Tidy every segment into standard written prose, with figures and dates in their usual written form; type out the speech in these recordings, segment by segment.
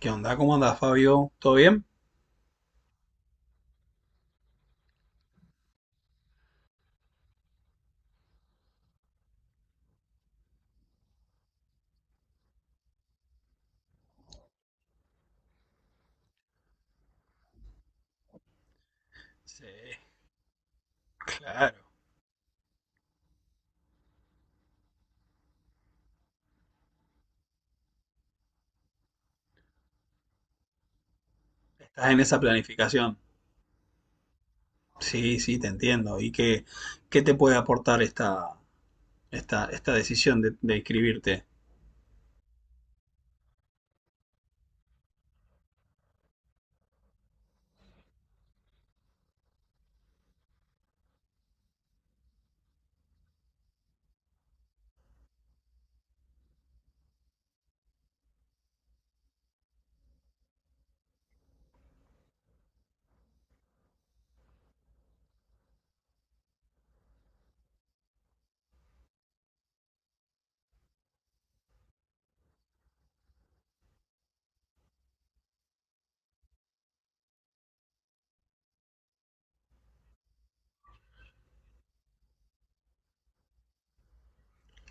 ¿Qué onda? ¿Cómo andas, Fabio? ¿Todo bien? Sí, claro. ¿Estás en esa planificación? Sí, sí, te entiendo. ¿Y qué te puede aportar esta decisión de inscribirte?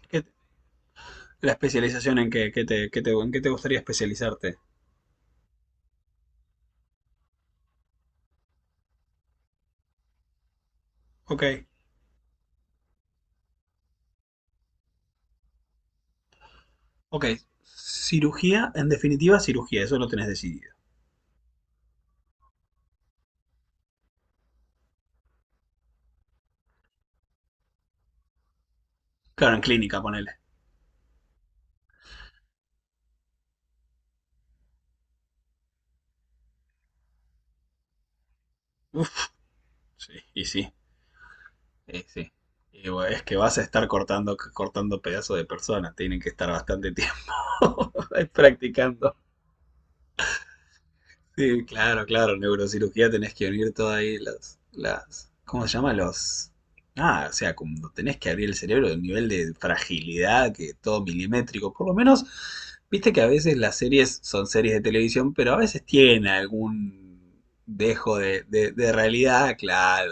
¿Qué- la especialización en qué te gustaría especializarte? Ok, ok. Cirugía, en definitiva, cirugía, eso lo tenés decidido. Claro, en clínica, ponele. Uf, sí, y sí, y sí. Y bueno, es que vas a estar cortando, cortando pedazos de personas, tienen que estar bastante tiempo practicando. Sí, claro, claro, neurocirugía tenés que unir todas ahí las, ¿cómo se llama? Ah, o sea, cuando tenés que abrir el cerebro, el nivel de fragilidad, que todo milimétrico, por lo menos, viste que a veces las series son series de televisión, pero a veces tiene algún dejo de realidad, claro,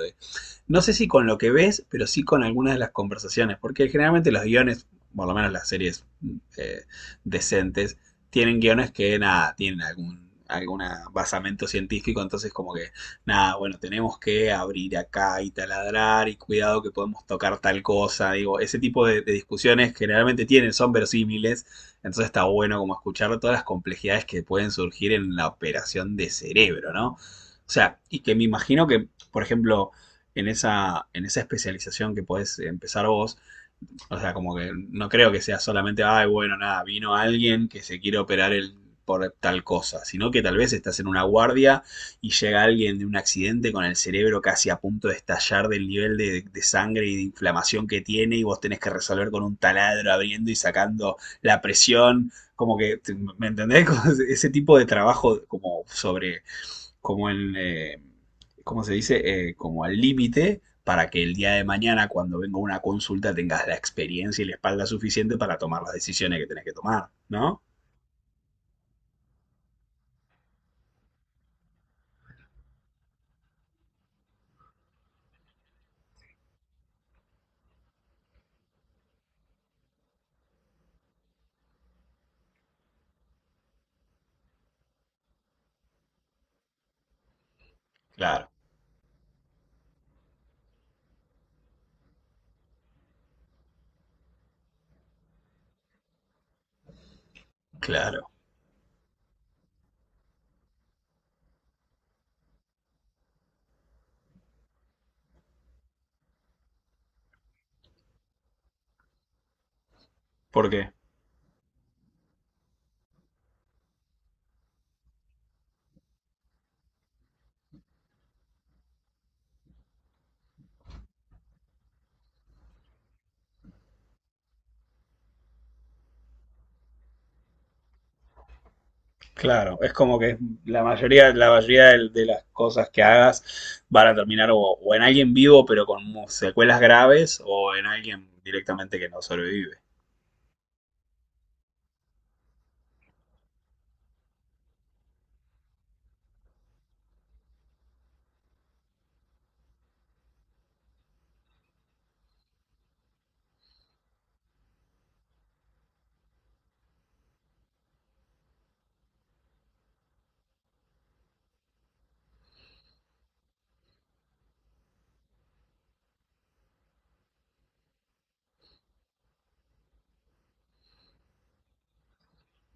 no sé si con lo que ves, pero sí con algunas de las conversaciones, porque generalmente los guiones, por lo menos las series decentes, tienen guiones que nada, tienen algún basamento científico, entonces como que, nada, bueno, tenemos que abrir acá y taladrar y cuidado que podemos tocar tal cosa, digo, ese tipo de discusiones generalmente tienen, son verosímiles, entonces está bueno como escuchar todas las complejidades que pueden surgir en la operación de cerebro, ¿no? O sea, y que me imagino que, por ejemplo, en esa especialización que podés empezar vos. O sea, como que no creo que sea solamente, ay, bueno, nada, vino alguien que se quiere operar el por tal cosa, sino que tal vez estás en una guardia y llega alguien de un accidente con el cerebro casi a punto de estallar del nivel de sangre y de inflamación que tiene y vos tenés que resolver con un taladro abriendo y sacando la presión, como que, ¿me entendés? Ese tipo de trabajo como sobre como ¿cómo se dice? Como al límite para que el día de mañana, cuando venga una consulta, tengas la experiencia y la espalda suficiente para tomar las decisiones que tenés que tomar, ¿no? Claro, claro. ¿Por qué? Claro, es como que la mayoría de las cosas que hagas van a terminar o en alguien vivo pero con secuelas graves o en alguien directamente que no sobrevive.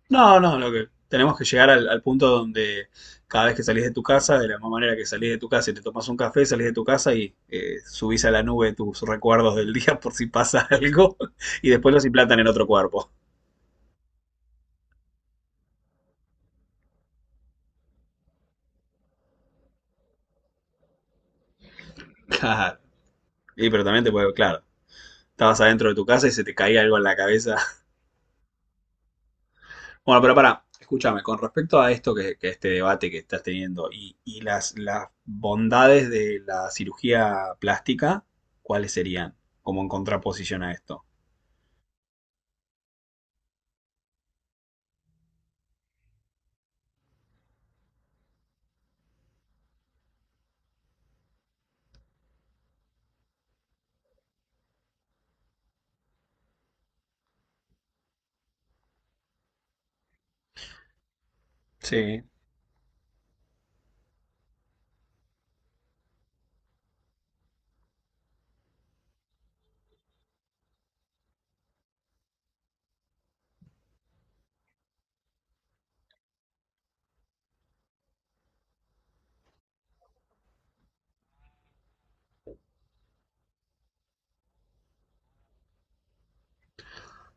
No, no, lo que tenemos que llegar al punto donde cada vez que salís de tu casa, de la misma manera que salís de tu casa y te tomás un café, salís de tu casa y subís a la nube tus recuerdos del día por si pasa algo y después los implantan en otro cuerpo. Claro. Y pero también te puede, claro, estabas adentro de tu casa y se te caía algo en la cabeza. Bueno, pero para, escúchame, con respecto a esto que este debate que estás teniendo y, y las bondades de la cirugía plástica, ¿cuáles serían como en contraposición a esto? Sí.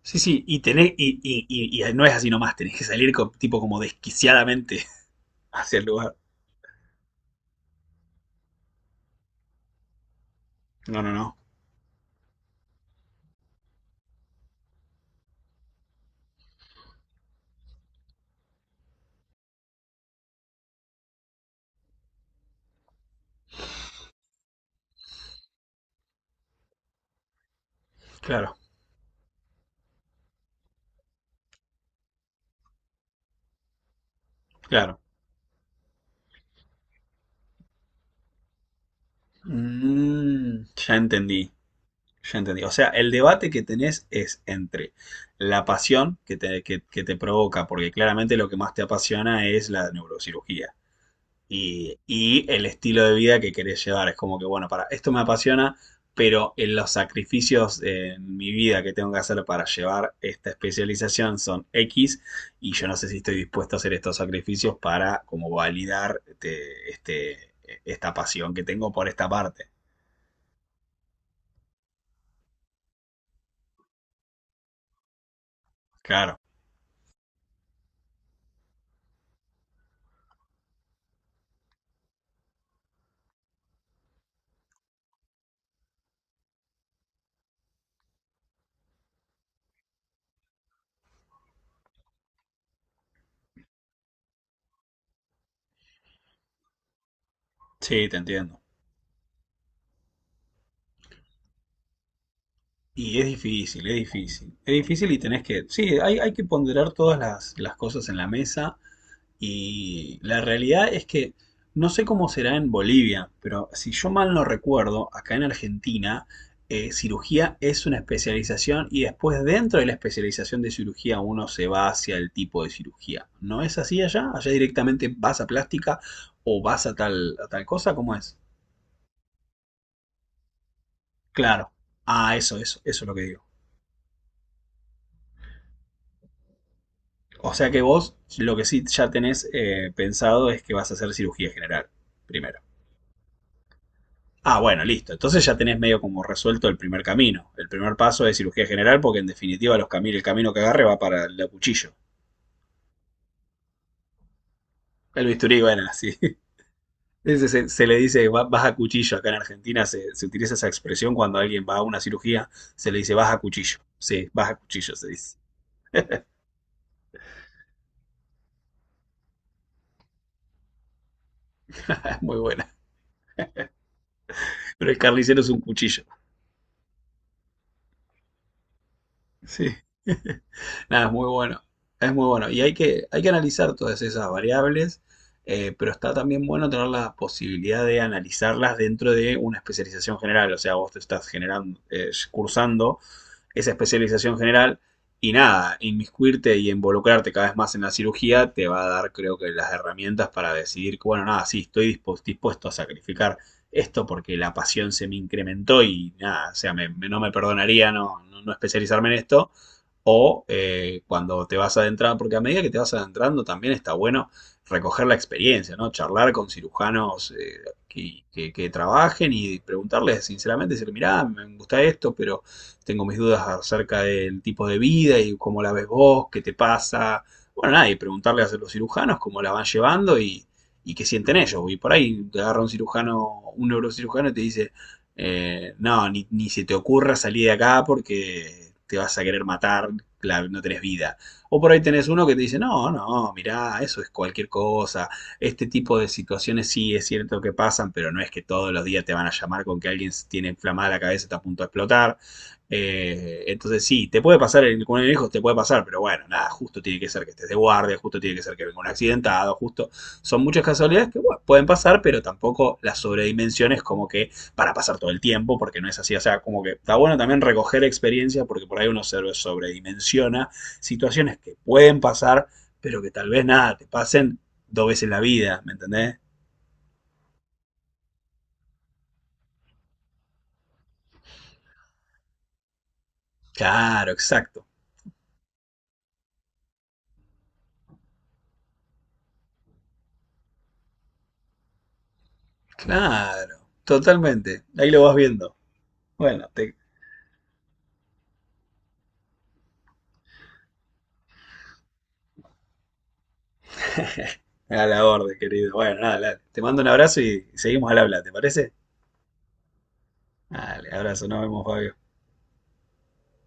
Sí, sí, y, tenés, y no es así nomás, tenés que salir tipo como desquiciadamente hacia el lugar. No, no, no. Claro, claro. Mm, ya entendí, ya entendí. O sea, el debate que tenés es entre la pasión que te provoca, porque claramente lo que más te apasiona es la neurocirugía. Y el estilo de vida que querés llevar. Es como que, bueno, para esto me apasiona, pero en los sacrificios en mi vida que tengo que hacer para llevar esta especialización son X y yo no sé si estoy dispuesto a hacer estos sacrificios para como validar esta pasión que tengo por esta parte. Claro, sí, te entiendo. Y es difícil, es difícil. Es difícil y tenés que, sí, hay que ponderar todas las cosas en la mesa. Y la realidad es que no sé cómo será en Bolivia, pero si yo mal no recuerdo, acá en Argentina, cirugía es una especialización y después dentro de la especialización de cirugía uno se va hacia el tipo de cirugía. ¿No es así allá? ¿Allá directamente vas a plástica o vas a tal cosa? ¿Cómo es? Claro. Ah, eso es lo que digo. O sea que vos lo que sí ya tenés pensado es que vas a hacer cirugía general primero. Ah, bueno, listo. Entonces ya tenés medio como resuelto el primer camino. El primer paso es cirugía general porque en definitiva el camino que agarre va para el cuchillo. El bisturí, bueno, así. Ese se le dice vas a cuchillo. Acá en Argentina se utiliza esa expresión cuando alguien va a una cirugía, se le dice vas a cuchillo. Sí, vas a cuchillo, se dice. Es muy buena. Pero el carnicero es un cuchillo. Sí. Nada, es muy bueno. Es muy bueno. Y hay que analizar todas esas variables, pero está también bueno tener la posibilidad de analizarlas dentro de una especialización general. O sea, vos te estás cursando esa especialización general y nada, inmiscuirte y involucrarte cada vez más en la cirugía te va a dar, creo que, las herramientas para decidir que, bueno, nada, sí, estoy dispuesto a sacrificar esto porque la pasión se me incrementó y nada, o sea, no me perdonaría no, no especializarme en esto o cuando te vas adentrando, porque a medida que te vas adentrando también está bueno recoger la experiencia, ¿no? Charlar con cirujanos que trabajen y preguntarles sinceramente, decir, mirá, me gusta esto, pero tengo mis dudas acerca del tipo de vida y cómo la ves vos, qué te pasa. Bueno, nada, y preguntarle a los cirujanos cómo la van llevando y qué sienten ellos. Y por ahí te agarra un cirujano, un neurocirujano y te dice, no, ni se te ocurra salir de acá porque te vas a querer matar, no tenés vida. O por ahí tenés uno que te dice, no, no, mirá, eso es cualquier cosa. Este tipo de situaciones sí es cierto que pasan, pero no es que todos los días te van a llamar con que alguien tiene inflamada la cabeza y está a punto de explotar. Entonces sí, te puede pasar con el viejo, te puede pasar, pero bueno, nada, justo tiene que ser que estés de guardia, justo tiene que ser que venga un accidentado, justo. Son muchas casualidades que bueno, pueden pasar, pero tampoco las sobredimensiones como que para pasar todo el tiempo, porque no es así. O sea, como que está bueno también recoger experiencias, porque por ahí uno se sobredimensiona situaciones que pueden pasar, pero que tal vez nada, te pasen dos veces en la vida, ¿me entendés? Claro, exacto. Claro, totalmente. Ahí lo vas viendo. Bueno, a la orden, querido. Bueno, nada, te mando un abrazo y seguimos al habla, ¿te parece? Dale, abrazo, nos vemos, Fabio.